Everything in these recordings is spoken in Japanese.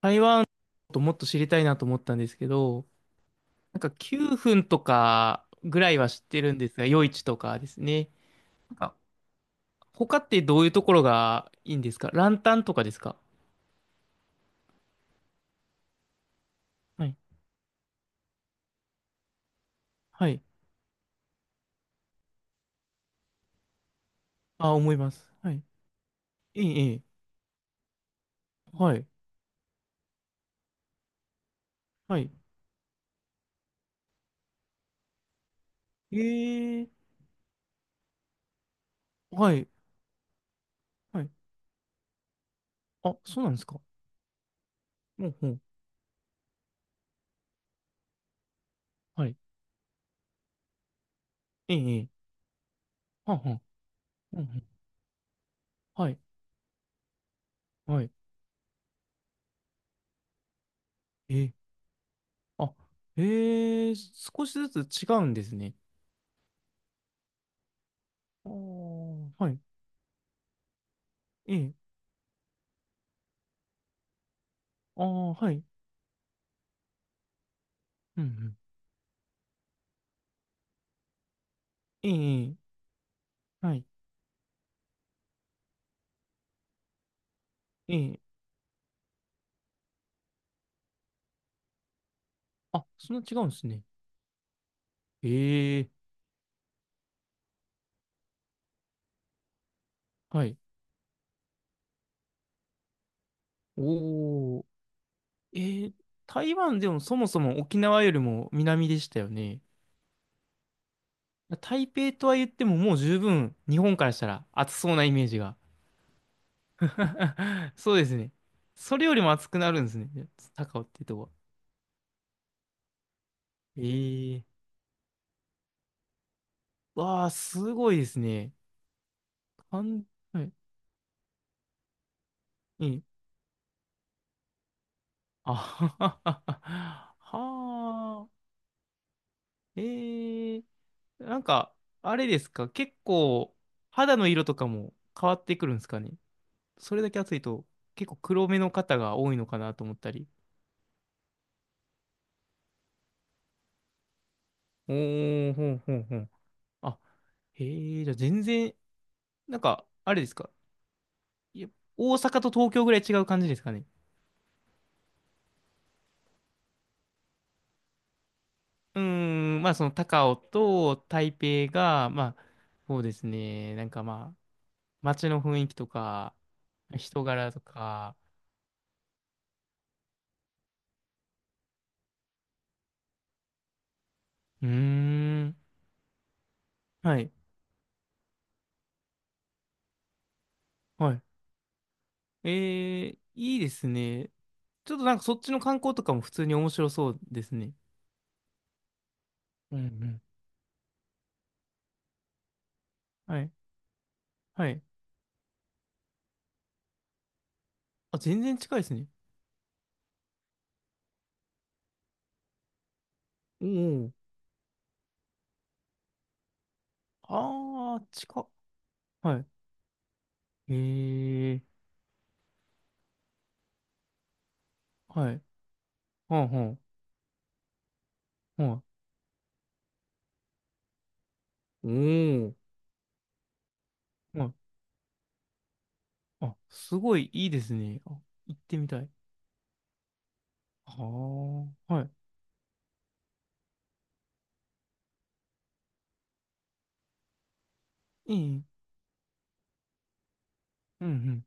台湾ともっと知りたいなと思ったんですけど、なんか9分とかぐらいは知ってるんですが、夜市とかですね。なんか他ってどういうところがいいんですか、ランタンとかですか？はい。はい。あ、思います。はい。ええ、ええ。はい。はい。ええ、はい。はい。あ、そうなんですか？うんうん。はい。ええ、ええ。はんはん。うんうん。はい。はい。ええ。あ、ええ、少しずつ違うんですね。あー、はい。ええ。ああ、はい。うんうん。ええ、はい。ええ。あ、そんな違うんですね。ええ、はい。おー。ええ、台湾でもそもそも沖縄よりも南でしたよね。台北とは言ってももう十分日本からしたら暑そうなイメージが。そうですね。それよりも暑くなるんですね。高尾っていうとこは。ええ。わあ、すごいですね。かん、はい。ええ。あはははは。はあ。ええ。なんか、あれですか、結構、肌の色とかも変わってくるんですかね。それだけ暑いと、結構黒目の方が多いのかなと思ったり。おー、ほんほんほん。あ、へえ、じゃあ全然、なんか、あれですか。いや、大阪と東京ぐらい違う感じですかね。うーん、まあその高雄と台北が、まあ、そうですね、なんかまあ、街の雰囲気とか、人柄とか、うーん、はい、はい。えー、いいですね。ちょっとなんかそっちの観光とかも普通に面白そうですね。うんうん。はい。はい。あ、全然近いですね。おお。ああ、近っ。はい。へえ。はい。はんはん。はい。おお。はい。あ、すごいいいですね。あ、行ってみたい。はあ。はい。いい、うんうん。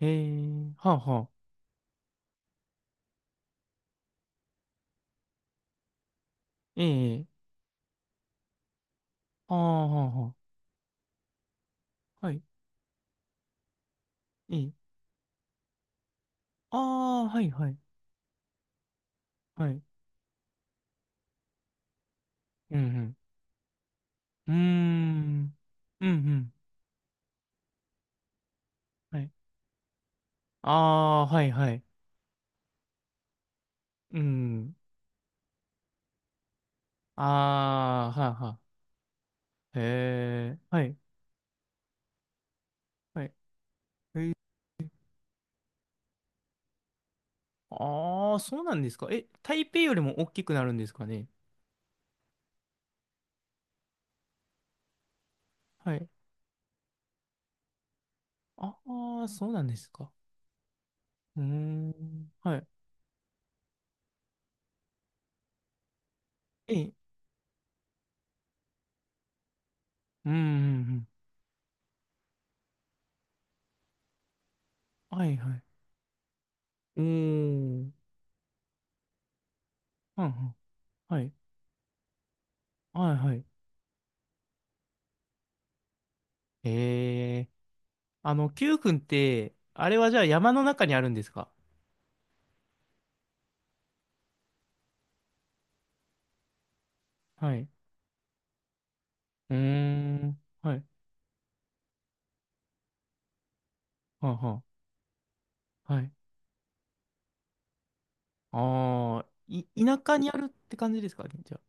へえ。はあはあ。ええ。ああ、はあはあ。はい。いい、ああ、はいはい。はい。うんうん。うーん。うんうん。はい。ああー、はいはい。うん。ああ、はあはあ。へえ、はい、はい。ああ、そうなんですか。え、台北よりも大きくなるんですかね？はい。ああ、そうなんですか。うーん、はい。え、うん、うん、うん。はい、はい。うーん、うんうん、はい、はい、はい。へえ、あの、九君って、あれはじゃあ山の中にあるんですか？はい。うーん、はい、はあはあ。はい、ああ、い、田舎にあるって感じですかじゃ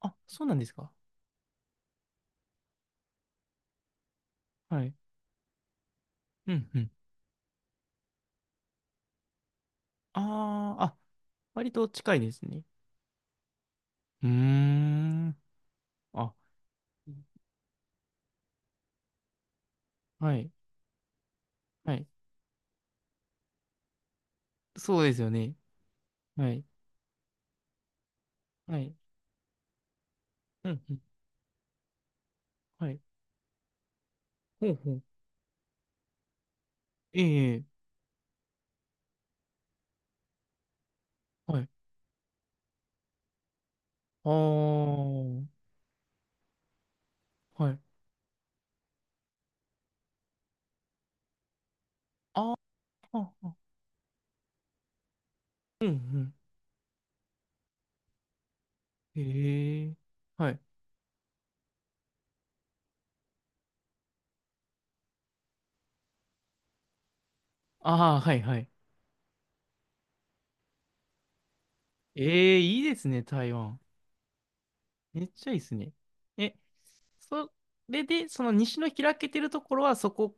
あ。あ、そうなんですか。はい。うんうん。ああ、あ、割と近いですね。うーん。あ、はい。はい。そうですよね。はい。はい。うんうん。はい。ほうほう。ええ、はい。ああ、はい。ああ、ああ、うんうん。ええ、はい。ああ、はいはい。ええ、いいですね、台湾。めっちゃいいですね。え、それで、その西の開けてるところは、そこ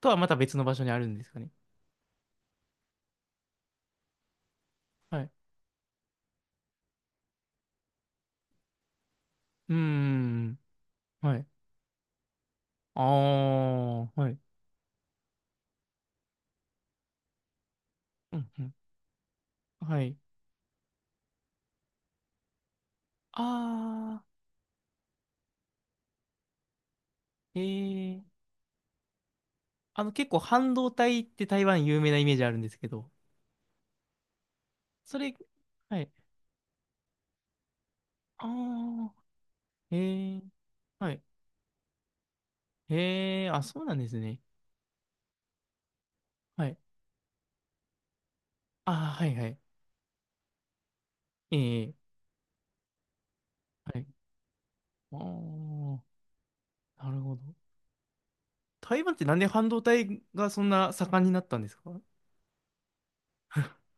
とはまた別の場所にあるんですかね？はい。うーん。はい。ああ、はい。うんうん。はい。ああ、えー。あの、結構半導体って台湾有名なイメージあるんですけど、それ、はい。ああ、えー。はい。ええ、あ、そうなんですね。はい。ああ、はいはい。ええ、はい。ああ、なるほど。台湾ってなんで半導体がそんな盛んになったんですか？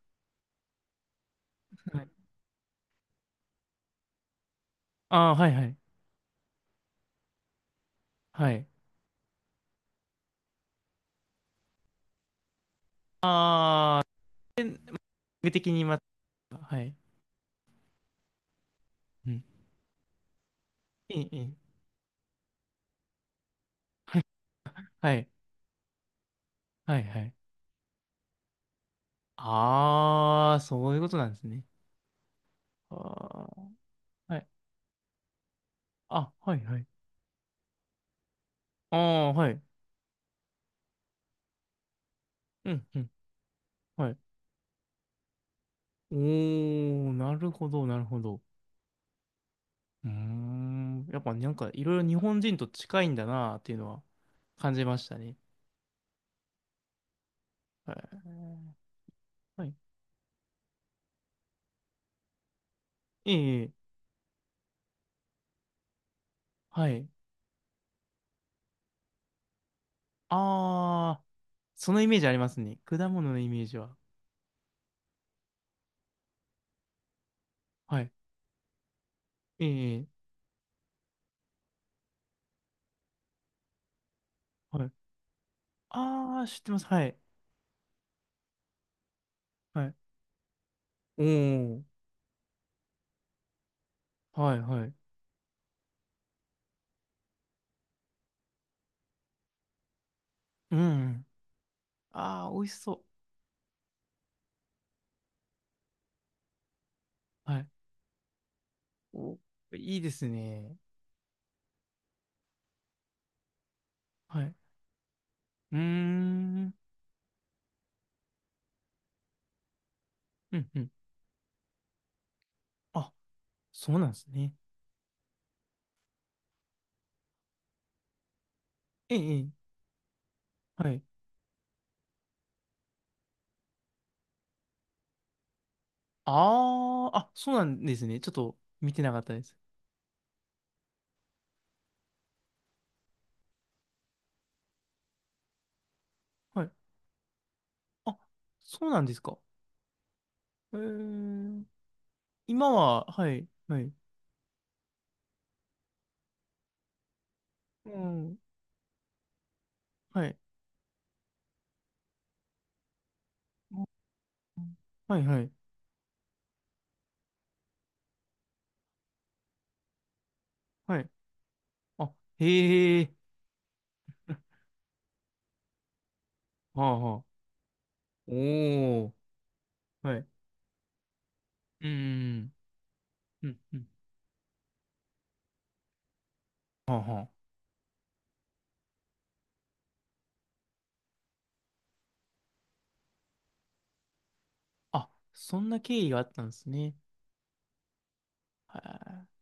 はい、ああ、はいはい。はい。ああ、目的にまた、はい。うん。いい、い い。はい。はいはい。ああ、そういうことなんですね。ああ、はい。あ、はいはい。ああ、はい。うん、うん。はい。おー、なるほど、なるほど。うーん。やっぱなんかいろいろ日本人と近いんだなっていうのは感じましたね。はい。はい。ええ、はい。ああ、そのイメージありますね。果物のイメージは。はい。ええ、はい。ああ、知ってます。はい。はい。おー。はい、はい。うん。ああ、美味しそう。はい。お、いいですね。はい。うーん。うん、うん。あ、そうなんですね。ええ、ええ、はい。ああ、あ、そうなんですね。ちょっと見てなかったです。はい。あ、そうなんですか。ええ、今は、はい、はい。うん。はい。はいはい。はい。あ、へえ。はあはあ。おお。はい。うん。うんうん。はあはあ。あ、そんな経緯があったんですね。はい。